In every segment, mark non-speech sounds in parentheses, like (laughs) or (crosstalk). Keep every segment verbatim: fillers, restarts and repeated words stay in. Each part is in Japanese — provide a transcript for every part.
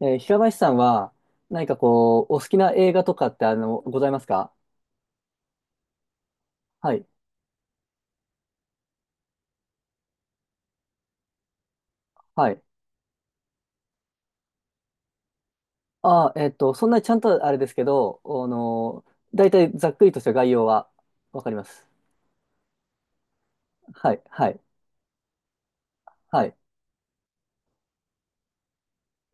えー平林さんは、何かこう、お好きな映画とかって、あの、ございますか？はい。はい。あーえっと、そんなにちゃんとあれですけど、あのー、大体ざっくりとした概要はわかります。はい、はい、はい。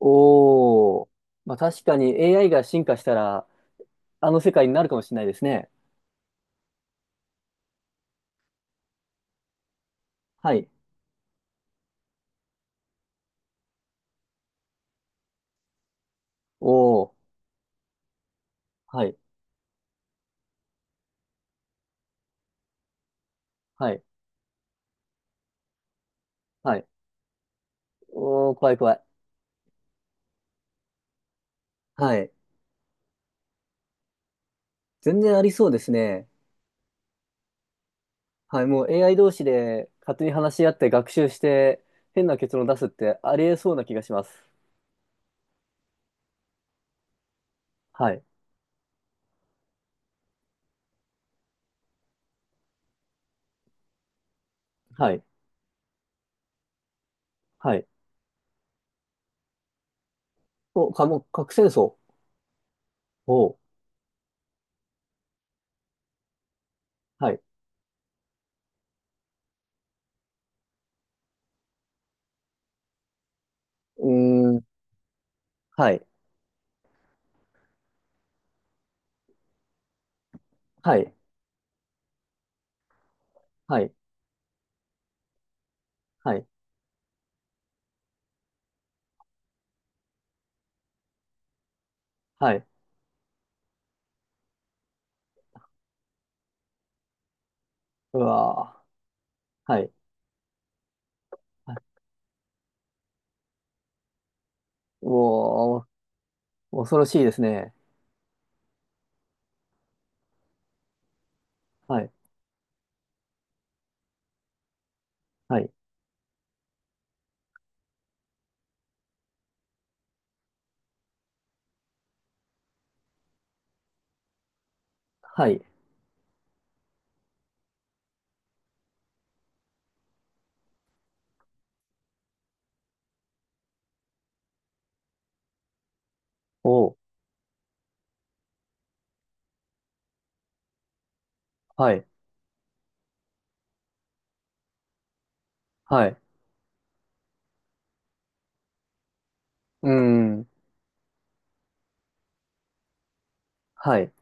おー。まあ確かに エーアイ が進化したら、あの世界になるかもしれないですね。はい。おー。はい、はい、はい。おー、怖い怖い。はい。全然ありそうですね。はい、もう エーアイ 同士で勝手に話し合って学習して変な結論出すってありえそうな気がします。はい、はい、はい。お、かも、核戦争。おう、はい。うーん、はい、はい、はい、はい、はい。うわー、はい。はい、うおー、恐ろしいですね。はい、はい、はい。おう、はい、はい。うーん、はい。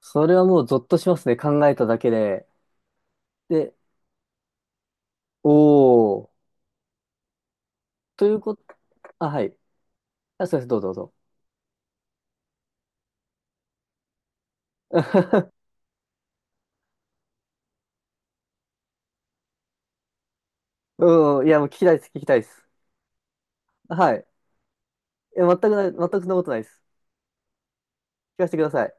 それはもうゾッとしますね。考えただけで。で、おー、ということ、あ、はい。あ、そうです。どうぞどうぞ。(laughs) うん、いや、もう聞きたいです、聞きたいです。はい。え、全くない、全くそんなことないです。聞かせてください。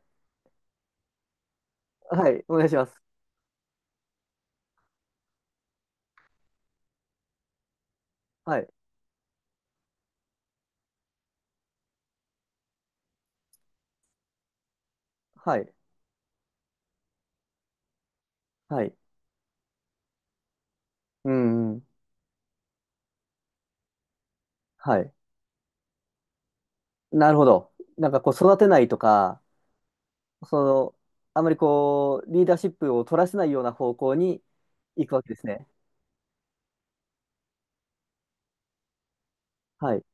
はい、お願いします。はい、はい、はい。うん、うん、はい。なるほど。なんかこう、育てないとか、その、あまりこう、リーダーシップを取らせないような方向に行くわけですね。はい、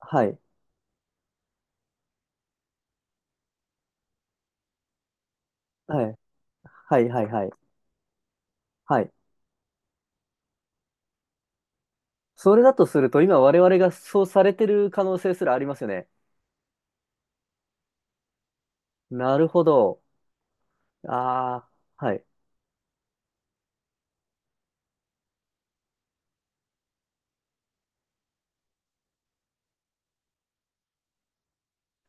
はい、はい、はい、はい、はい。はい。それだとすると、今我々がそうされてる可能性すらありますよね。なるほど。ああ、はい。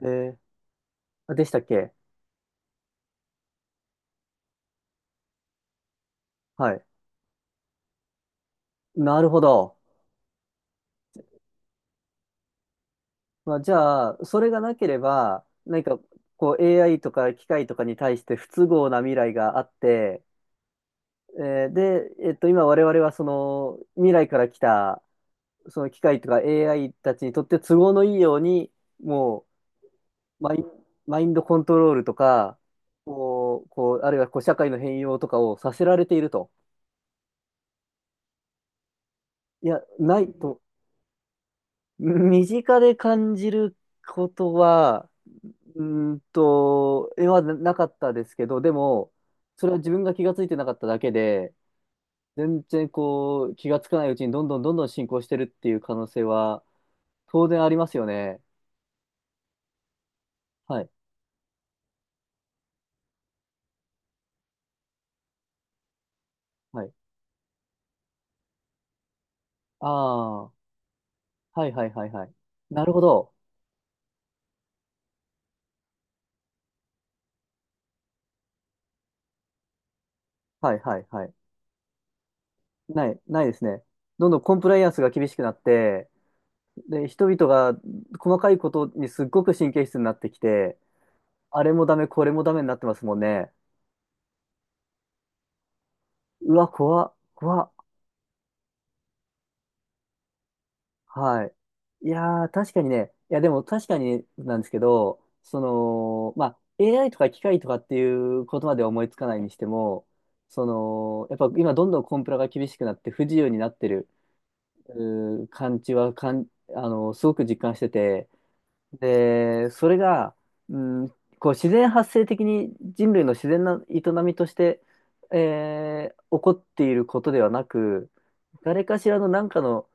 えーでしたっけ？はい。なるほど。まあ、じゃあ、それがなければ、何かこう エーアイ とか機械とかに対して不都合な未来があって、えーで、えっと、今我々はその未来から来たその機械とか エーアイ たちにとって都合のいいように、もうマイン、マインドコントロールとか、こう、こう、あるいはこう社会の変容とかをさせられていると。いや、ないと、身近で感じることは、うーんと、絵はななかったですけど、でも、それは自分が気がついてなかっただけで、全然こう、気がつかないうちにどんどんどんどん進行してるっていう可能性は当然ありますよね。はい、はい。ああ、はいはいはいはい。なるほど。はいはいはい。ない、ないですね。どんどんコンプライアンスが厳しくなって、で、人々が細かいことにすっごく神経質になってきて、あれもダメ、これもダメになってますもんね。うわ、怖っ、怖っ。はい。いやー、確かにね、いや、でも確かになんですけど、その、まあ、エーアイ とか機械とかっていうことまでは思いつかないにしても、その、やっぱ今どんどんコンプラが厳しくなって不自由になってる、うー感じはかん、あの、すごく実感してて、で、それが、うん、こう自然発生的に人類の自然な営みとして、えー起こっていることではなく、誰かしらの何かの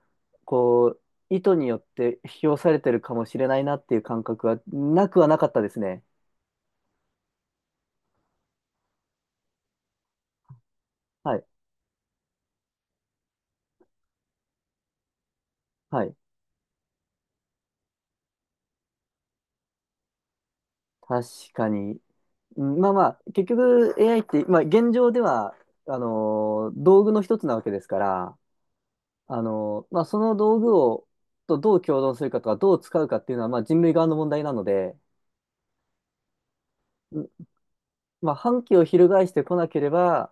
こう意図によって引き寄されてるかもしれないなっていう感覚はなくはなかったですね。はい。はい。確かに。うんまあまあ、結局 エーアイ って、まあ、現状ではあのー道具の一つなわけですから、あの、まあ、その道具を、とどう共存するかとか、どう使うかっていうのは、まあ、人類側の問題なので、んまあ、反旗を翻してこなければ、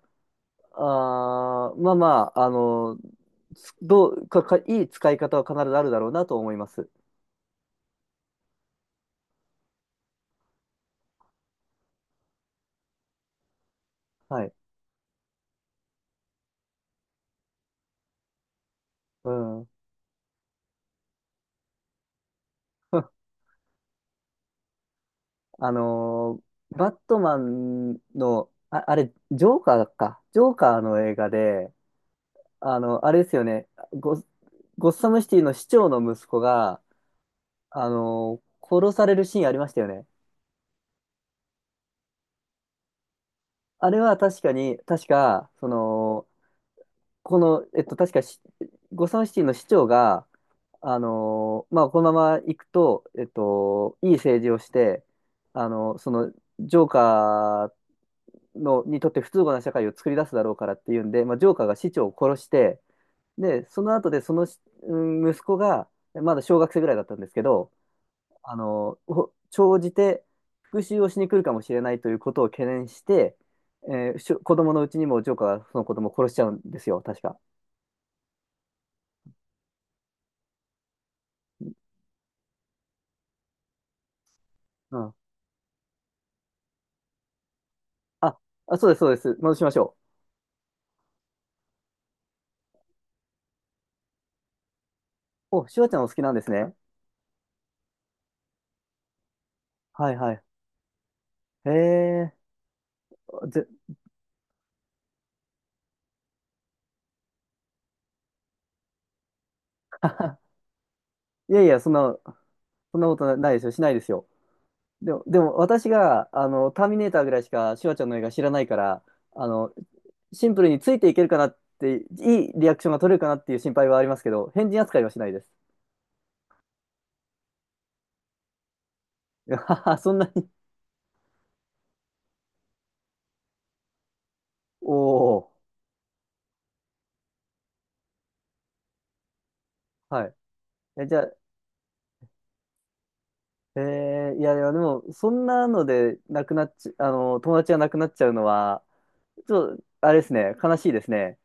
あーまあまあ、あの、つどう、か、か、いい使い方は必ずあるだろうなと思います。はい。うん。(laughs) あのーバットマンの、あ、あれ、ジョーカーか。ジョーカーの映画で、あの、あれですよね。ゴ、ゴッサムシティの市長の息子が、あの、殺されるシーンありましたよね。あれは確かに、確か、その、この、えっと、確かし、ゴサムシティの市長が、あの、まあ、このまま行くと、えっと、いい政治をして、あの、その、ジョーカーの、にとって不都合な社会を作り出すだろうからっていうんで、まあ、ジョーカーが市長を殺して、で、その後で、その、うん息子が、まだ小学生ぐらいだったんですけど、あの、ほ長じて復讐をしに来るかもしれないということを懸念して、えーしょ子供のうちにもジョーカーがその子供を殺しちゃうんですよ、確か。うん。あ、あ、そうです、そうです。戻しましょう。お、シュワちゃんお好きなんですね。はいはい。へえ。ぜ (laughs) いやいや、そんな、そんな、ことないですよ。しないですよ。でも、でも私が、あの、ターミネーターぐらいしかシュワちゃんの映画知らないから、あの、シンプルについていけるかなって、いいリアクションが取れるかなっていう心配はありますけど、変人扱いはしないです。(laughs) そんなにおお、はい。え、じゃあ、えー、いやいや、でも、そんなので、なくなっち、あの、友達がなくなっちゃうのは、ちょっと、あれですね、悲しいですね。